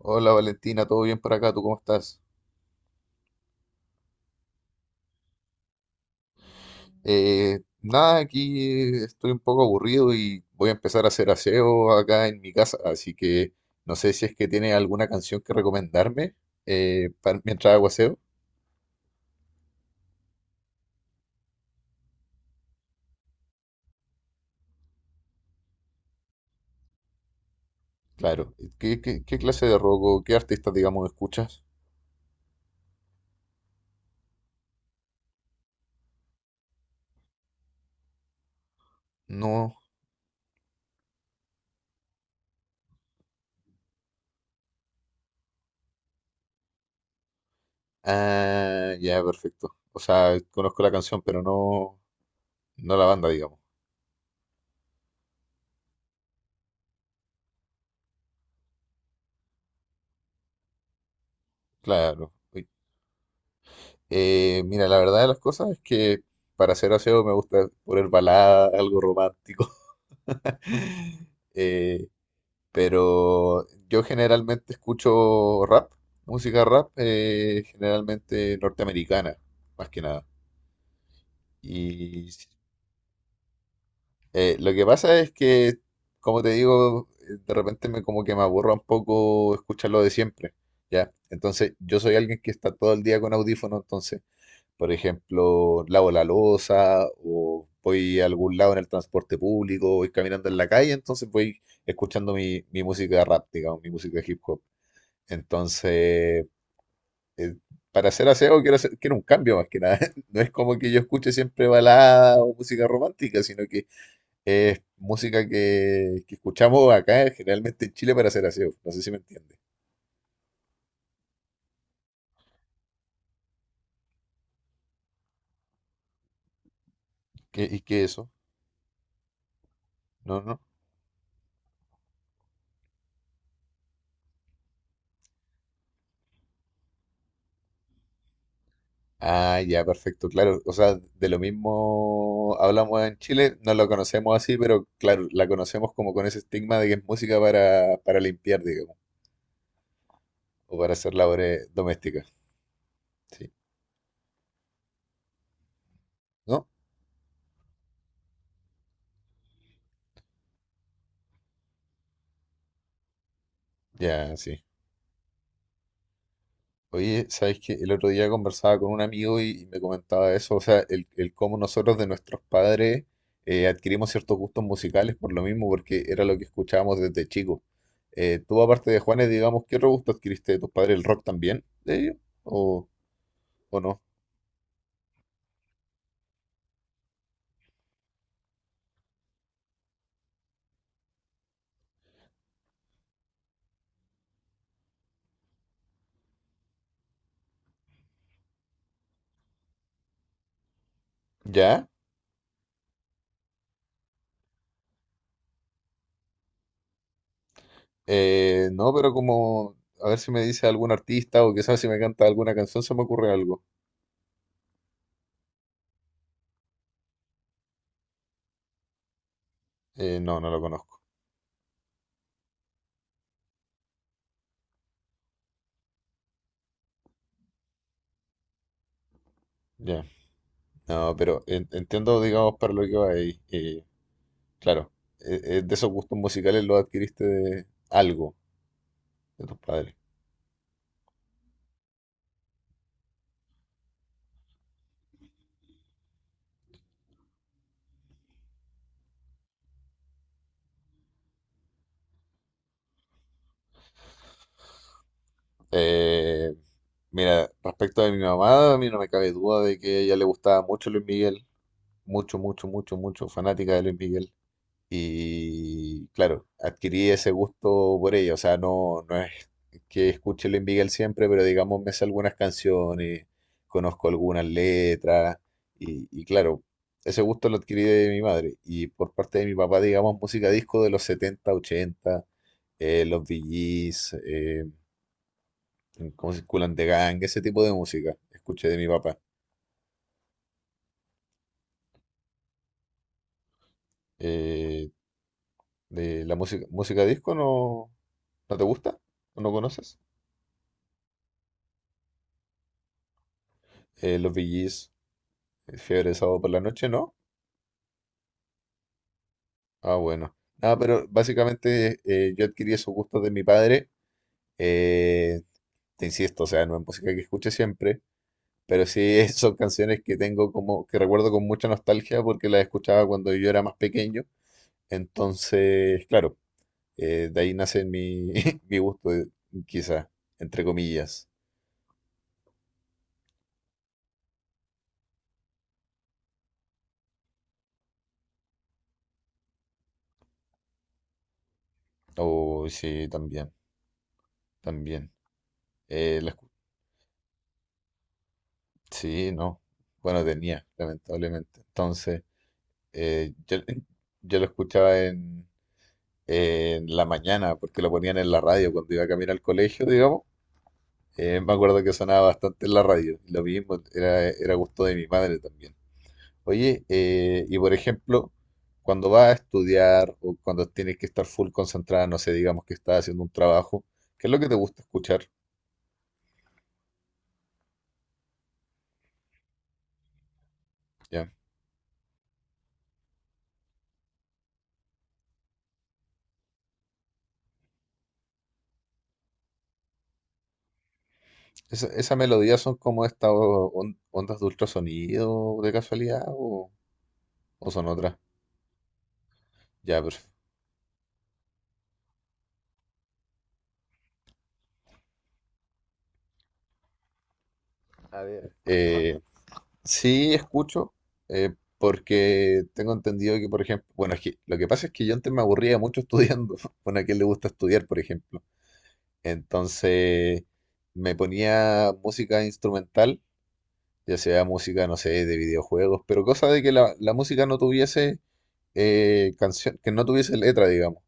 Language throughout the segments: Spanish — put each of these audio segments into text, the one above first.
Hola Valentina, ¿todo bien por acá? ¿Tú cómo estás? Nada, aquí estoy un poco aburrido y voy a empezar a hacer aseo acá en mi casa, así que no sé si es que tiene alguna canción que recomendarme mientras hago aseo. Claro, ¿qué clase de rock o qué artista, digamos, escuchas? No. Ah, ya, perfecto. O sea, conozco la canción, pero no la banda, digamos. Claro. Mira, la verdad de las cosas es que para hacer aseo me gusta poner balada, algo romántico. Eh, pero yo generalmente escucho rap, música rap, generalmente norteamericana, más que nada. Y lo que pasa es que, como te digo, de repente me como que me aburro un poco escuchar lo de siempre, ¿ya? Entonces, yo soy alguien que está todo el día con audífono. Entonces, por ejemplo, lavo la loza o voy a algún lado en el transporte público, voy caminando en la calle, entonces voy escuchando mi música rap, digamos, mi música hip hop. Entonces, eh, para hacer aseo quiero un cambio más que nada. No es como que yo escuche siempre balada o música romántica, sino que es música que escuchamos acá generalmente en Chile para hacer aseo. No sé si me entiende. ¿Y qué es eso? No, no. Ah, ya, perfecto, claro. O sea, de lo mismo hablamos en Chile, no lo conocemos así, pero claro, la conocemos como con ese estigma de que es música para limpiar, digamos, o para hacer labores domésticas. Sí, ¿no? Ya, sí. Oye, ¿sabes qué? El otro día conversaba con un amigo y me comentaba eso, o sea, el cómo nosotros de nuestros padres adquirimos ciertos gustos musicales por lo mismo, porque era lo que escuchábamos desde chico. Aparte de Juanes, digamos, ¿qué otro gusto adquiriste de tus padres? ¿El rock también de ellos? ¿O...? ¿O no? ¿Ya? No, pero como, a ver si me dice algún artista o quizás si me canta alguna canción se me ocurre algo. No lo conozco. Ya. No, pero entiendo, digamos, para lo que va ahí. Claro, de esos gustos musicales lo adquiriste de algo de tus padres. Eh, Mira, respecto de mi mamá, a mí no me cabe duda de que a ella le gustaba mucho Luis Miguel. Mucho, mucho, mucho, mucho fanática de Luis Miguel. Y claro, adquirí ese gusto por ella. O sea, no es que escuche Luis Miguel siempre, pero digamos me sé algunas canciones, conozco algunas letras. Y claro, ese gusto lo adquirí de mi madre. Y por parte de mi papá, digamos, música disco de los 70 ochenta, los VGs, como circulan de Gang, ese tipo de música escuché de mi papá. Eh, de la música, música disco, no, ¿no te gusta? ¿O no conoces? Los VGs. Fiebre de sábado por la noche, ¿no? Ah, bueno. Ah, pero básicamente yo adquirí esos gustos de mi padre. eh, Te insisto, o sea, no es música que escuche siempre, pero sí son canciones que tengo como, que recuerdo con mucha nostalgia porque las escuchaba cuando yo era más pequeño. Entonces, claro, de ahí nace mi, mi gusto, quizá, entre comillas. Oh, sí, también, también. Eh, la escu- sí, no. Bueno, tenía, lamentablemente. Entonces. Yo, yo lo escuchaba en la mañana, porque lo ponían en la radio cuando iba a caminar al colegio, digamos. Me acuerdo que sonaba bastante en la radio. Lo mismo, era gusto de mi madre también. Oye, y por ejemplo, cuando vas a estudiar o cuando tienes que estar full concentrada, no sé, digamos que estás haciendo un trabajo, ¿qué es lo que te gusta escuchar? ¿Ya? Esa melodía son como estas ondas de ultrasonido de casualidad o son otras? Ya, perfecto. A ver, sí, escucho, porque tengo entendido que, por ejemplo, bueno, es que lo que pasa es que yo antes me aburría mucho estudiando, bueno, a quien le gusta estudiar, por ejemplo. Entonces me ponía música instrumental, ya sea música, no sé, de videojuegos, pero cosa de que la música no tuviese canción, que no tuviese letra, digamos,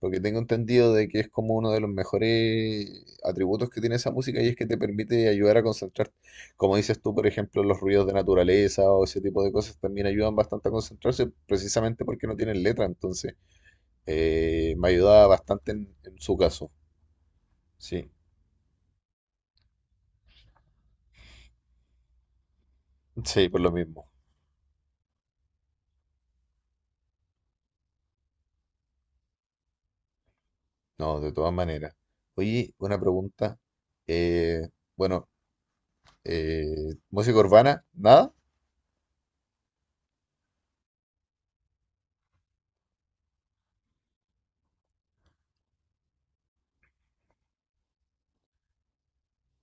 porque tengo entendido de que es como uno de los mejores atributos que tiene esa música y es que te permite ayudar a concentrarte. Como dices tú, por ejemplo, los ruidos de naturaleza o ese tipo de cosas también ayudan bastante a concentrarse precisamente porque no tienen letra. Entonces me ayudaba bastante en su caso. Sí, sí, por lo mismo. No, de todas maneras. Oye, una pregunta. Eh, bueno, eh, Música urbana, nada.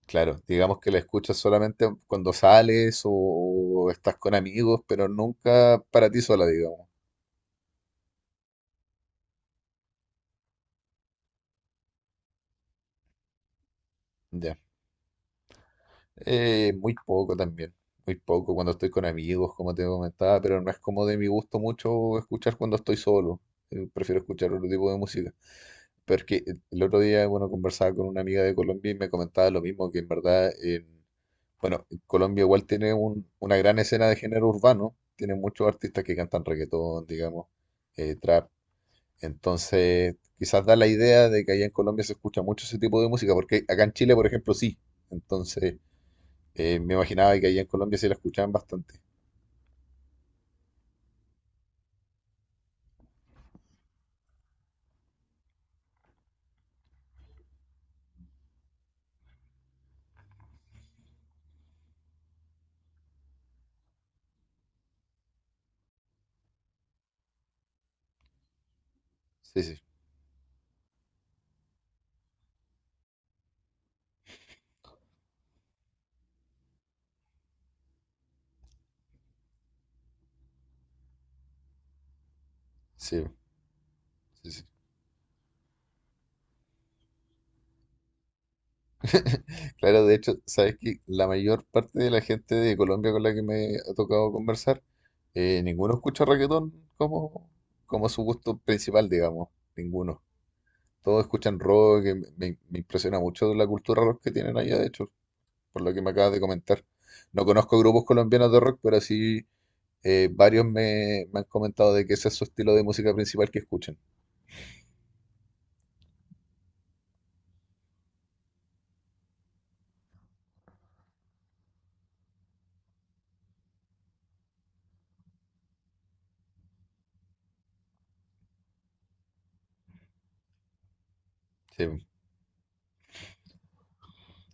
Claro, digamos que la escuchas solamente cuando sales o estás con amigos, pero nunca para ti sola, digamos. Ya. Muy poco también. Muy poco cuando estoy con amigos, como te comentaba, pero no es como de mi gusto mucho escuchar cuando estoy solo. Prefiero escuchar otro tipo de música. Pero es que el otro día, bueno, conversaba con una amiga de Colombia y me comentaba lo mismo, que en verdad... en Bueno, Colombia igual una gran escena de género urbano, tiene muchos artistas que cantan reggaetón, digamos, trap, entonces quizás da la idea de que allá en Colombia se escucha mucho ese tipo de música, porque acá en Chile, por ejemplo, sí, entonces me imaginaba que allá en Colombia se la escuchaban bastante. Sí, sí, sí, sí, sí. Claro, de hecho, sabes que la mayor parte de la gente de Colombia con la que me ha tocado conversar, ninguno escucha reggaetón como, como su gusto principal, digamos, ninguno. Todos escuchan rock, que me impresiona mucho la cultura rock que tienen allá, de hecho, por lo que me acabas de comentar. No conozco grupos colombianos de rock, pero sí varios me han comentado de que ese es su estilo de música principal que escuchan. Sí,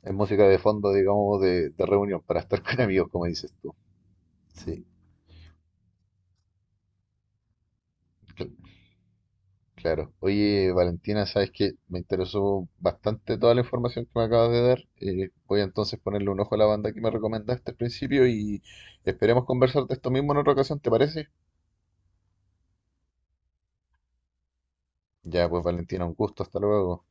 es música de fondo, digamos, de reunión, para estar con amigos, como dices tú. Sí, cl- claro. Oye, Valentina, sabes que me interesó bastante toda la información que me acabas de dar. Voy a entonces ponerle un ojo a la banda que me recomendaste al principio y esperemos conversar de esto mismo en otra ocasión, ¿te parece? Ya, pues Valentina, un gusto, hasta luego.